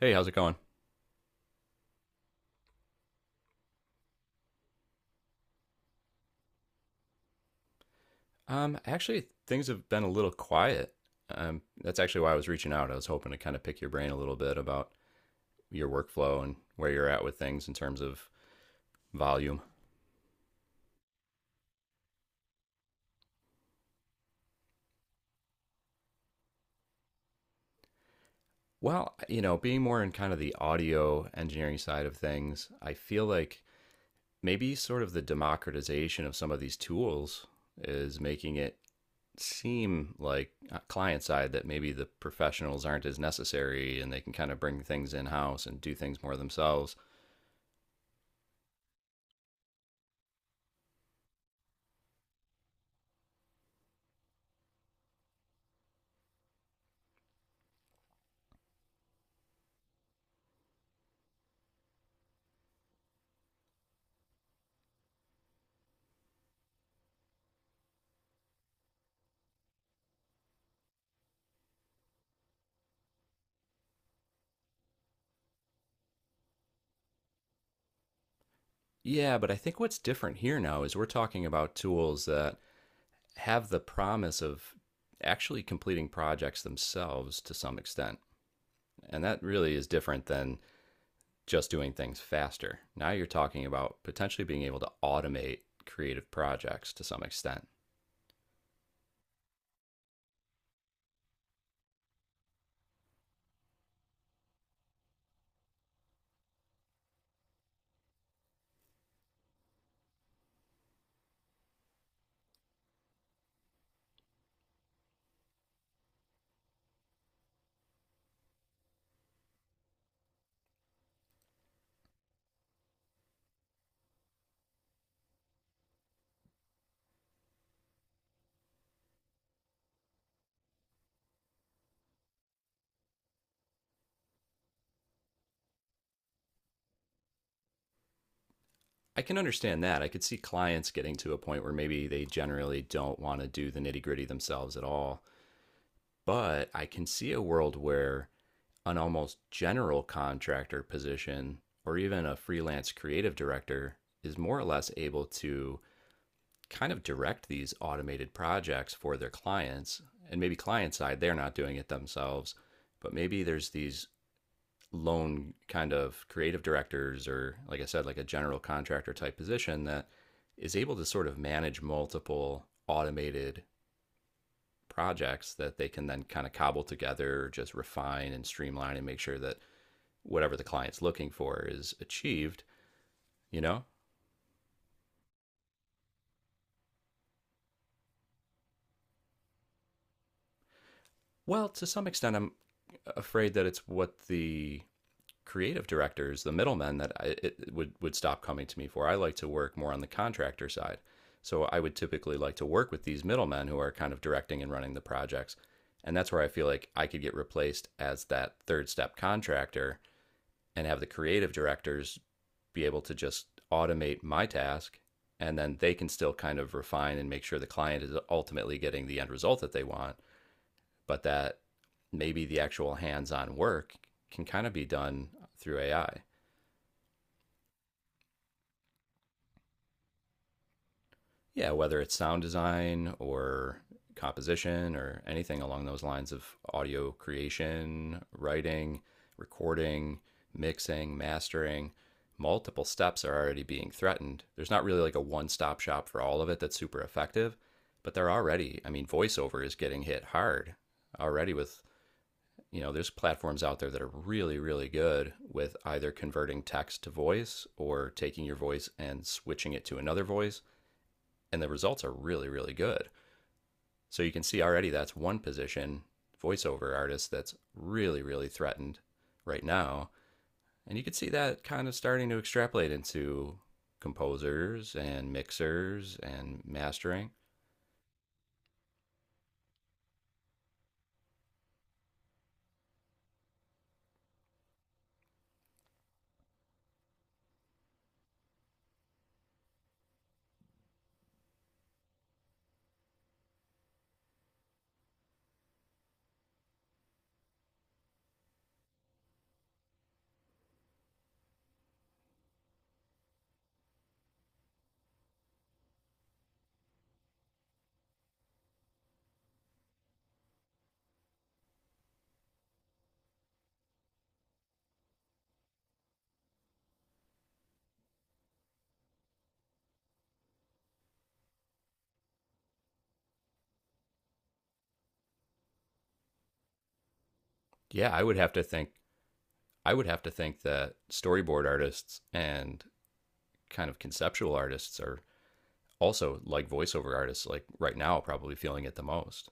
Hey, how's it going? Actually, things have been a little quiet. That's actually why I was reaching out. I was hoping to kind of pick your brain a little bit about your workflow and where you're at with things in terms of volume. Well, you know, being more in kind of the audio engineering side of things, I feel like maybe sort of the democratization of some of these tools is making it seem like client side, that maybe the professionals aren't as necessary and they can kind of bring things in house and do things more themselves. Yeah, but I think what's different here now is we're talking about tools that have the promise of actually completing projects themselves to some extent. And that really is different than just doing things faster. Now you're talking about potentially being able to automate creative projects to some extent. I can understand that. I could see clients getting to a point where maybe they generally don't want to do the nitty gritty themselves at all. But I can see a world where an almost general contractor position or even a freelance creative director is more or less able to kind of direct these automated projects for their clients. And maybe client side, they're not doing it themselves, but maybe there's these lone kind of creative directors or, like I said, like a general contractor type position that is able to sort of manage multiple automated projects that they can then kind of cobble together, just refine and streamline and make sure that whatever the client's looking for is achieved, you know? Well, to some extent, I'm afraid that it's what the creative directors, the middlemen, that I, it would stop coming to me for. I like to work more on the contractor side. So I would typically like to work with these middlemen who are kind of directing and running the projects. And that's where I feel like I could get replaced as that third step contractor and have the creative directors be able to just automate my task, and then they can still kind of refine and make sure the client is ultimately getting the end result that they want, but that maybe the actual hands-on work can kind of be done through AI. Yeah, whether it's sound design or composition or anything along those lines of audio creation, writing, recording, mixing, mastering, multiple steps are already being threatened. There's not really like a one stop shop for all of it that's super effective, but they're already, I mean, voiceover is getting hit hard already with, you know, there's platforms out there that are really, really good with either converting text to voice or taking your voice and switching it to another voice, and the results are really, really good. So you can see already that's one position, voiceover artist, that's really, really threatened right now. And you can see that kind of starting to extrapolate into composers and mixers and mastering. Yeah, I would have to think that storyboard artists and kind of conceptual artists are also, like voiceover artists, like right now probably feeling it the most.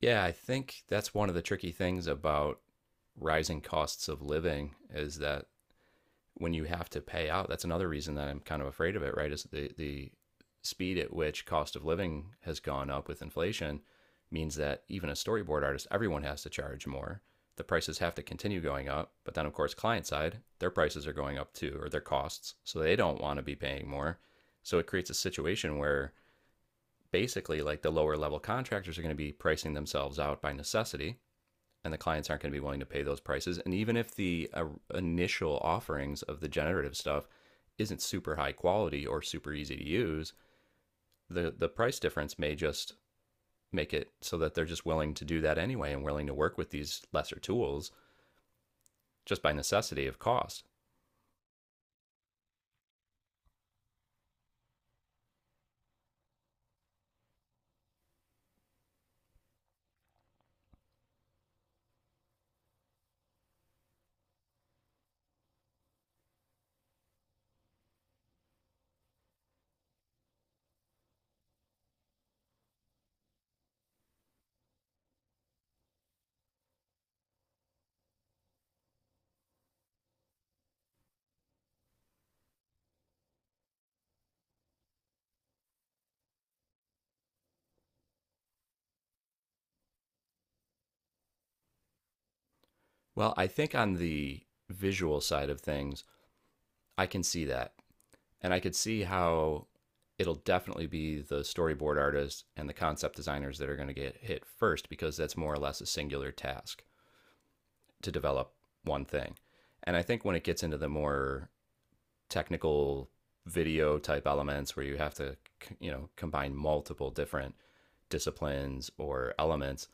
Yeah, I think that's one of the tricky things about rising costs of living is that when you have to pay out, that's another reason that I'm kind of afraid of it, right? Is the speed at which cost of living has gone up with inflation means that even a storyboard artist, everyone has to charge more. The prices have to continue going up, but then of course client side, their prices are going up too, or their costs, so they don't want to be paying more. So it creates a situation where basically like the lower level contractors are going to be pricing themselves out by necessity and the clients aren't going to be willing to pay those prices. And even if the initial offerings of the generative stuff isn't super high quality or super easy to use, the price difference may just make it so that they're just willing to do that anyway and willing to work with these lesser tools just by necessity of cost. Well, I think on the visual side of things, I can see that. And I could see how it'll definitely be the storyboard artists and the concept designers that are going to get hit first because that's more or less a singular task to develop one thing. And I think when it gets into the more technical video type elements where you have to, you know, combine multiple different disciplines or elements,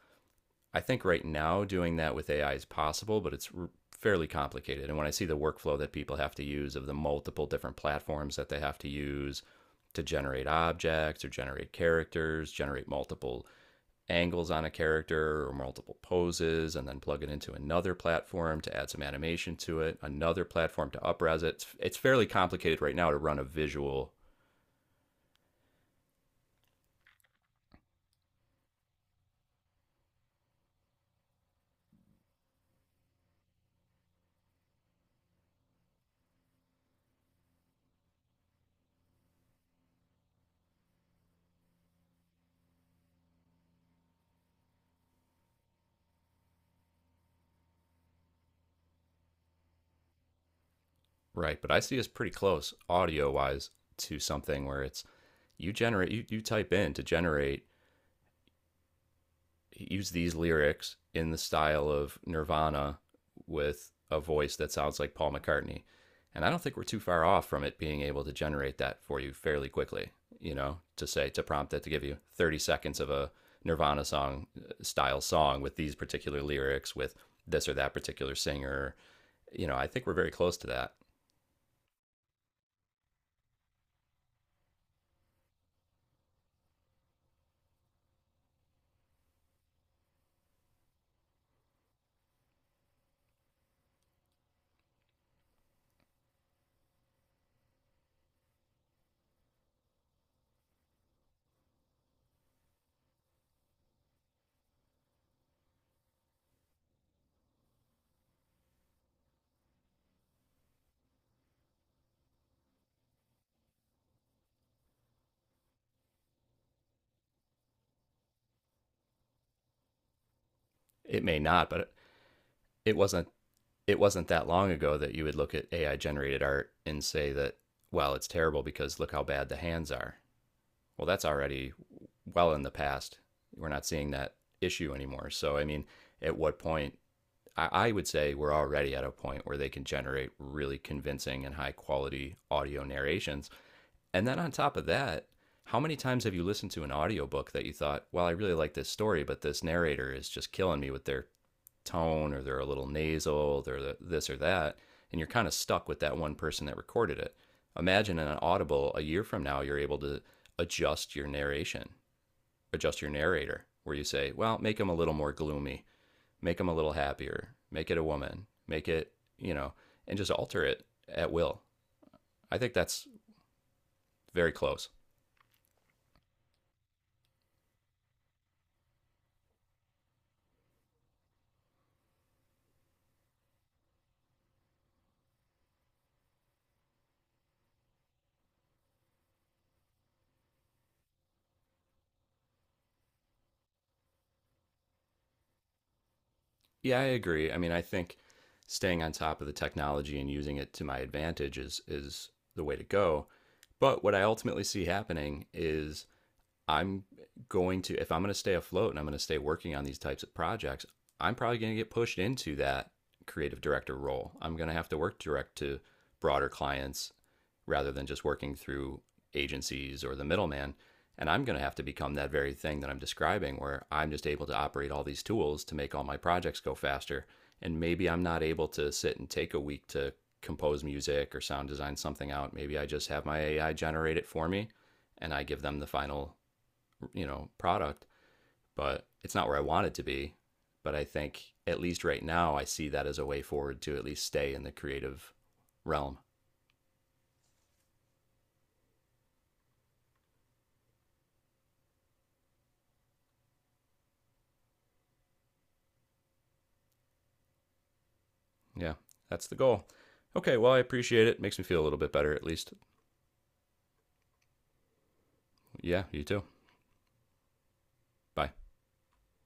I think right now doing that with AI is possible, but fairly complicated. And when I see the workflow that people have to use, of the multiple different platforms that they have to use to generate objects or generate characters, generate multiple angles on a character or multiple poses, and then plug it into another platform to add some animation to it, another platform to upres it. It's fairly complicated right now to run a visual. Right, but I see us pretty close audio wise to something where it's you generate, you, type in to generate, use these lyrics in the style of Nirvana with a voice that sounds like Paul McCartney. And I don't think we're too far off from it being able to generate that for you fairly quickly, you know, to say, to prompt it to give you 30 seconds of a Nirvana song style song with these particular lyrics, with this or that particular singer. You know, I think we're very close to that. It may not, but it wasn't it wasn't that long ago that you would look at AI generated art and say that, well, it's terrible because look how bad the hands are. Well, that's already well in the past. We're not seeing that issue anymore. So, I mean, at what point? I would say we're already at a point where they can generate really convincing and high quality audio narrations. And then on top of that, how many times have you listened to an audiobook that you thought, well, I really like this story, but this narrator is just killing me with their tone, or they're a little nasal, they're this or that, and you're kind of stuck with that one person that recorded it. Imagine in an audible a year from now, you're able to adjust your narration, adjust your narrator, where you say, well, make him a little more gloomy, make him a little happier, make it a woman, make it, you know, and just alter it at will. I think that's very close. Yeah, I agree. I mean, I think staying on top of the technology and using it to my advantage is the way to go. But what I ultimately see happening is I'm going to, if I'm going to stay afloat and I'm going to stay working on these types of projects, I'm probably going to get pushed into that creative director role. I'm going to have to work direct to broader clients rather than just working through agencies or the middleman. And I'm going to have to become that very thing that I'm describing, where I'm just able to operate all these tools to make all my projects go faster. And maybe I'm not able to sit and take a week to compose music or sound design something out. Maybe I just have my AI generate it for me and I give them the final, you know, product, but it's not where I want it to be. But I think at least right now, I see that as a way forward to at least stay in the creative realm. Yeah, that's the goal. Okay, well, I appreciate it. Makes me feel a little bit better at least. Yeah, you too. Bye.